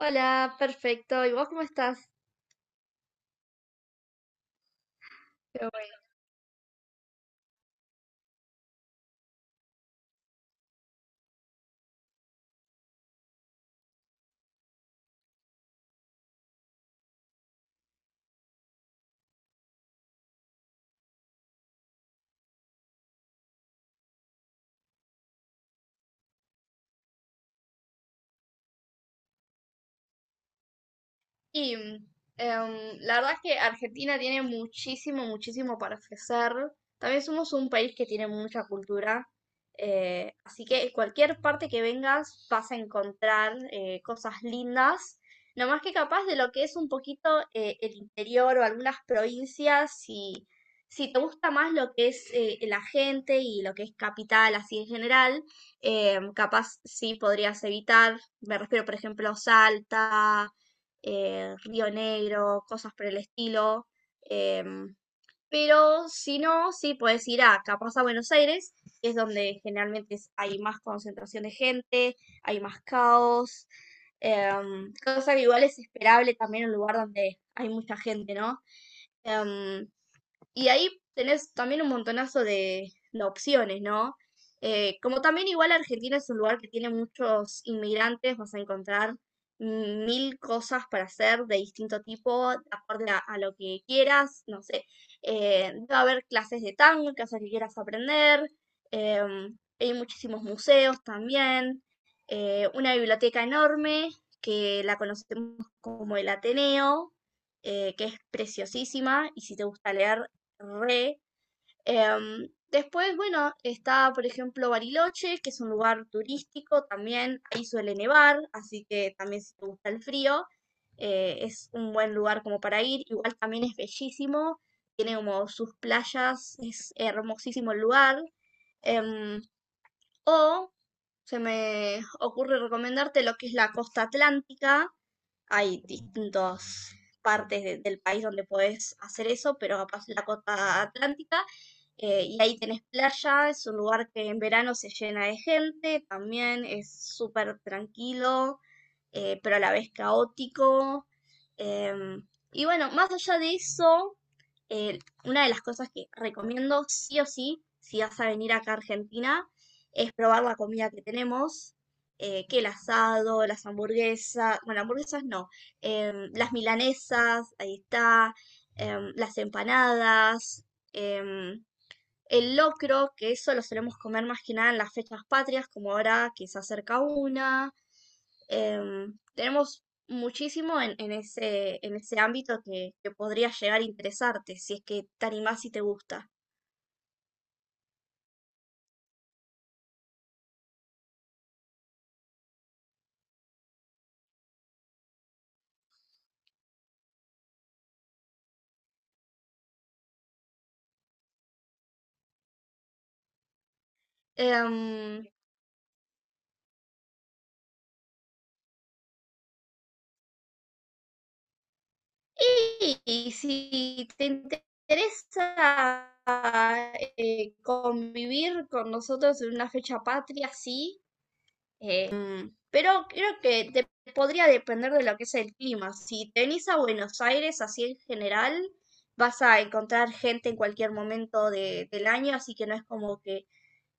Hola, perfecto. ¿Y vos cómo estás? Qué bueno. Y em, la verdad es que Argentina tiene muchísimo, muchísimo para ofrecer. También somos un país que tiene mucha cultura. Así que cualquier parte que vengas vas a encontrar cosas lindas. No más que capaz de lo que es un poquito el interior o algunas provincias, si te gusta más lo que es la gente y lo que es capital así en general, capaz sí podrías evitar. Me refiero, por ejemplo, a Salta, Río Negro, cosas por el estilo. em, pero si no, sí puedes ir a capaz a Buenos Aires, que es donde generalmente hay más concentración de gente, hay más caos. Cosa que igual es esperable también en un lugar donde hay mucha gente, ¿no? Em, y ahí tenés también un montonazo de opciones, ¿no? Como también igual Argentina es un lugar que tiene muchos inmigrantes, vas a encontrar mil cosas para hacer de distinto tipo, acorde a lo que quieras, no sé. Va a haber clases de tango, cosas que quieras aprender, hay muchísimos museos también, una biblioteca enorme que la conocemos como el Ateneo, que es preciosísima y si te gusta leer. Re. Después, bueno, está, por ejemplo, Bariloche, que es un lugar turístico también. Ahí suele nevar, así que también si te gusta el frío, es un buen lugar como para ir. Igual también es bellísimo, tiene como sus playas, es hermosísimo el lugar. Em, o se me ocurre recomendarte lo que es la costa atlántica, hay distintas partes del país donde podés hacer eso, pero capaz la costa atlántica, y ahí tenés playa, es un lugar que en verano se llena de gente, también es súper tranquilo, pero a la vez caótico. em, y bueno, más allá de eso, eh, una de las cosas que recomiendo sí o sí, si vas a venir acá a Argentina, es probar la comida que tenemos que el asado, las hamburguesas, bueno, hamburguesas no, las milanesas, ahí está, las empanadas, em, el locro, que eso lo solemos comer más que nada en las fechas patrias, como ahora que se acerca una. Tenemos muchísimo en ese ámbito que podría llegar a interesarte, si es que te animás y te gusta. Em, Y si te interesa convivir con nosotros en una fecha patria, sí, pero creo que podría depender de lo que es el clima. Si te venís a Buenos Aires, así en general, vas a encontrar gente en cualquier momento del año, así que no es como que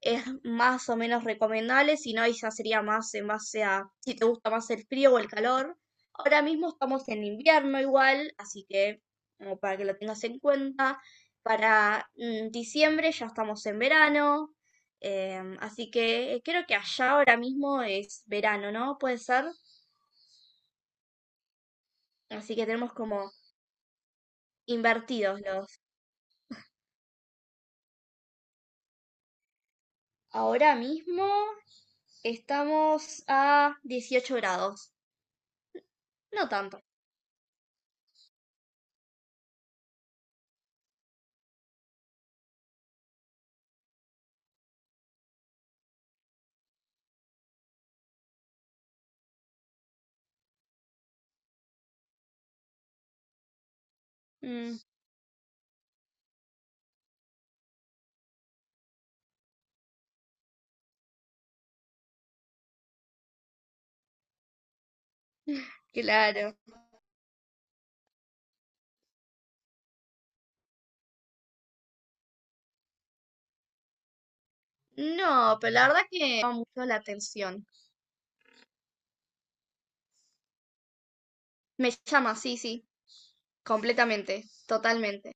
es más o menos recomendable, si no, ahí ya sería más en base a si te gusta más el frío o el calor. Ahora mismo estamos en invierno igual, así que como para que lo tengas en cuenta, para diciembre ya estamos en verano. Así que creo que allá ahora mismo es verano, ¿no? Puede ser. Así que tenemos como invertidos los. Ahora mismo estamos a 18 grados. No tanto. Mm, claro. No, pero la verdad que llama mucho la atención. Me llama, sí, sí. Completamente. Totalmente.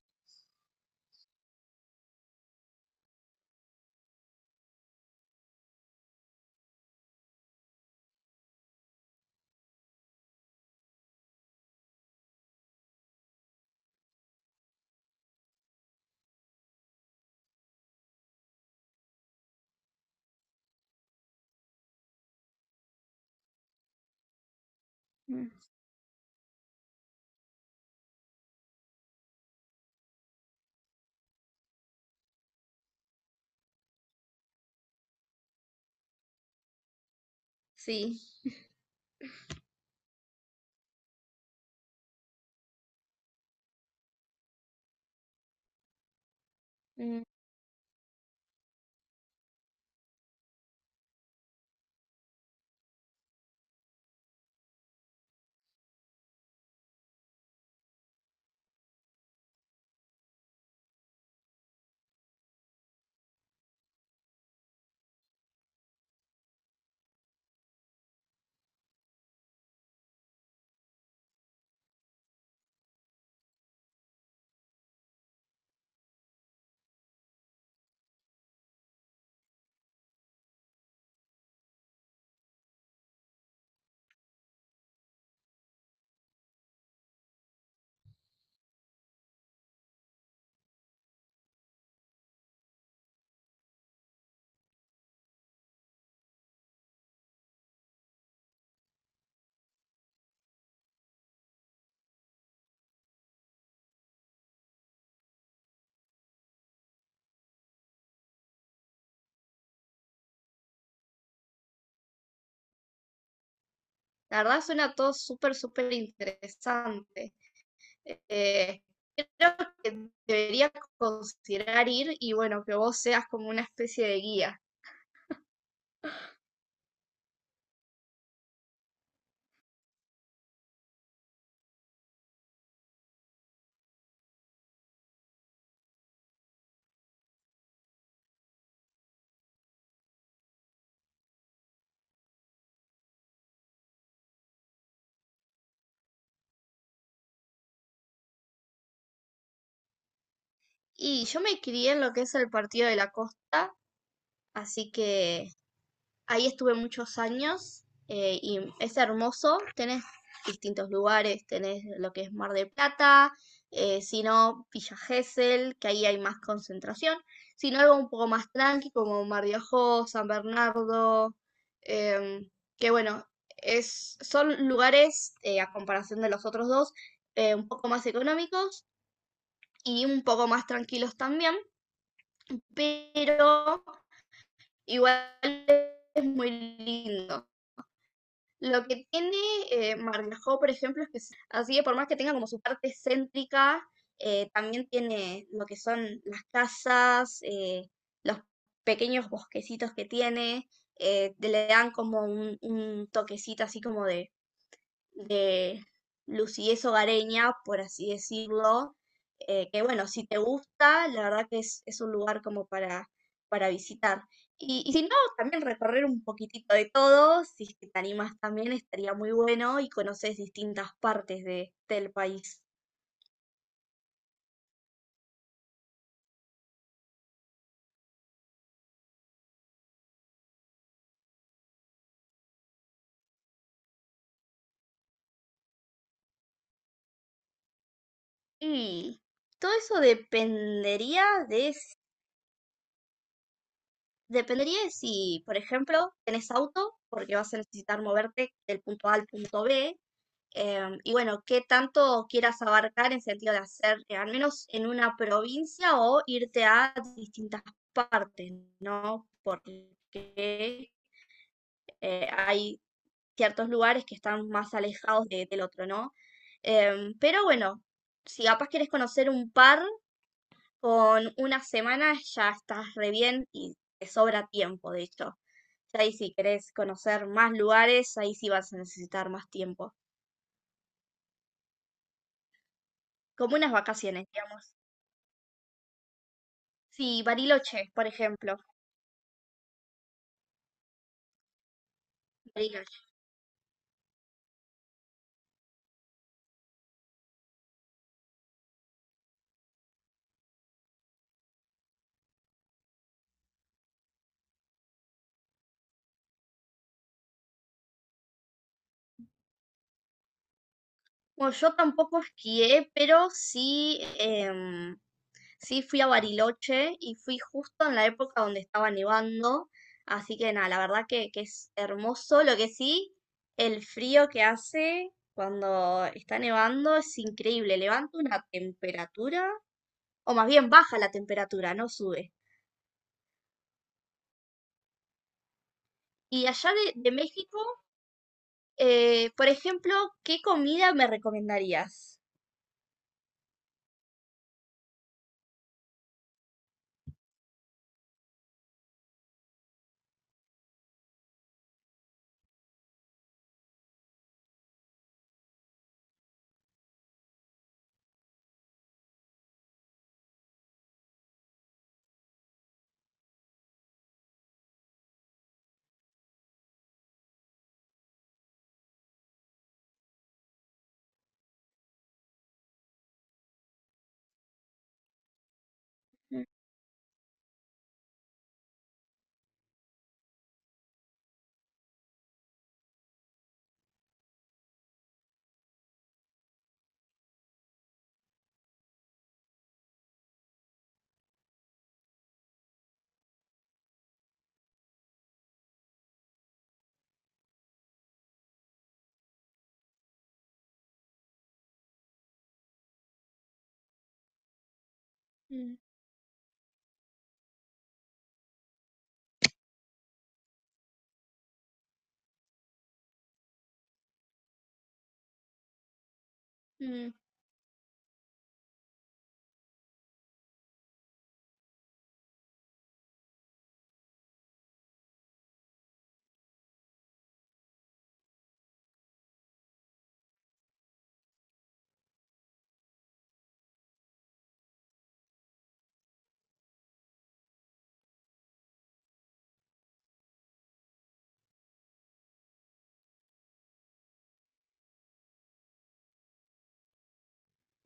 Mm, sí. Mm, La verdad suena todo súper, súper interesante. Eh, Creo que debería considerar ir y bueno, que vos seas como una especie de guía. Y yo me crié en lo que es el Partido de la Costa, así que ahí estuve muchos años y es hermoso. Tenés distintos lugares, tenés lo que es Mar del Plata, si no, Villa Gesell, que ahí hay más concentración, si no, algo un poco más tranqui como Mar de Ajó, San Bernardo, em, que bueno, es, son lugares a comparación de los otros dos un poco más económicos y un poco más tranquilos también, pero igual es muy lindo. Lo que tiene Margajó, por ejemplo, es que así que por más que tenga como su parte céntrica, también tiene lo que son las casas, los pequeños bosquecitos que tiene, te le dan como un toquecito así como de lucidez hogareña, por así decirlo, que bueno, si te gusta, la verdad que es un lugar como para visitar. Y si no, también recorrer un poquitito de todo, si es que te animas también, estaría muy bueno y conoces distintas partes de, del país. Y todo eso dependería dependería de si, por ejemplo, tenés auto, porque vas a necesitar moverte del punto A al punto B. Y bueno, qué tanto quieras abarcar en sentido de hacer, al menos en una provincia o irte a distintas partes, ¿no? Porque hay ciertos lugares que están más alejados del otro, ¿no? Pero bueno, si capaz quieres conocer un par, con una semana ya estás re bien y te sobra tiempo, de hecho. Ya ahí si querés conocer más lugares, ahí sí vas a necesitar más tiempo. Como unas vacaciones, digamos. Sí, Bariloche, por ejemplo. Bariloche. Bueno, yo tampoco esquié, pero sí, sí fui a Bariloche y fui justo en la época donde estaba nevando. Así que nada, la verdad que es hermoso. Lo que sí, el frío que hace cuando está nevando es increíble. Levanta una temperatura, o más bien baja la temperatura, no sube. Y allá de México, por ejemplo, ¿qué comida me recomendarías? Mm, mm, mm.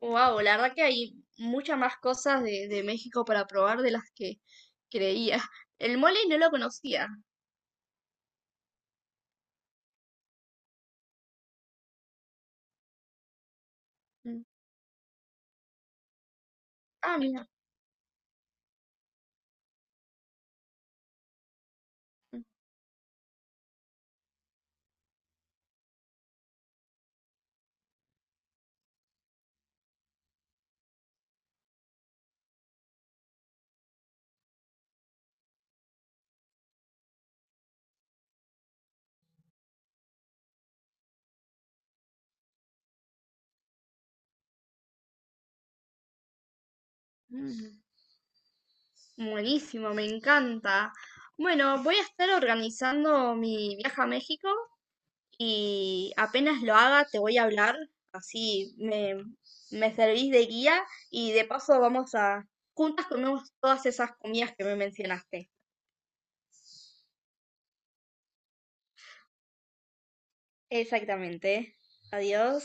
Wow, la verdad que hay muchas más cosas de México para probar de las que creía. El mole no lo conocía. Mm, ah, mira. Mm. Buenísimo, me encanta. Bueno, voy a estar organizando mi viaje a México y apenas lo haga te voy a hablar, así me servís de guía y de paso juntas comemos todas esas comidas que me mencionaste. Exactamente. Adiós.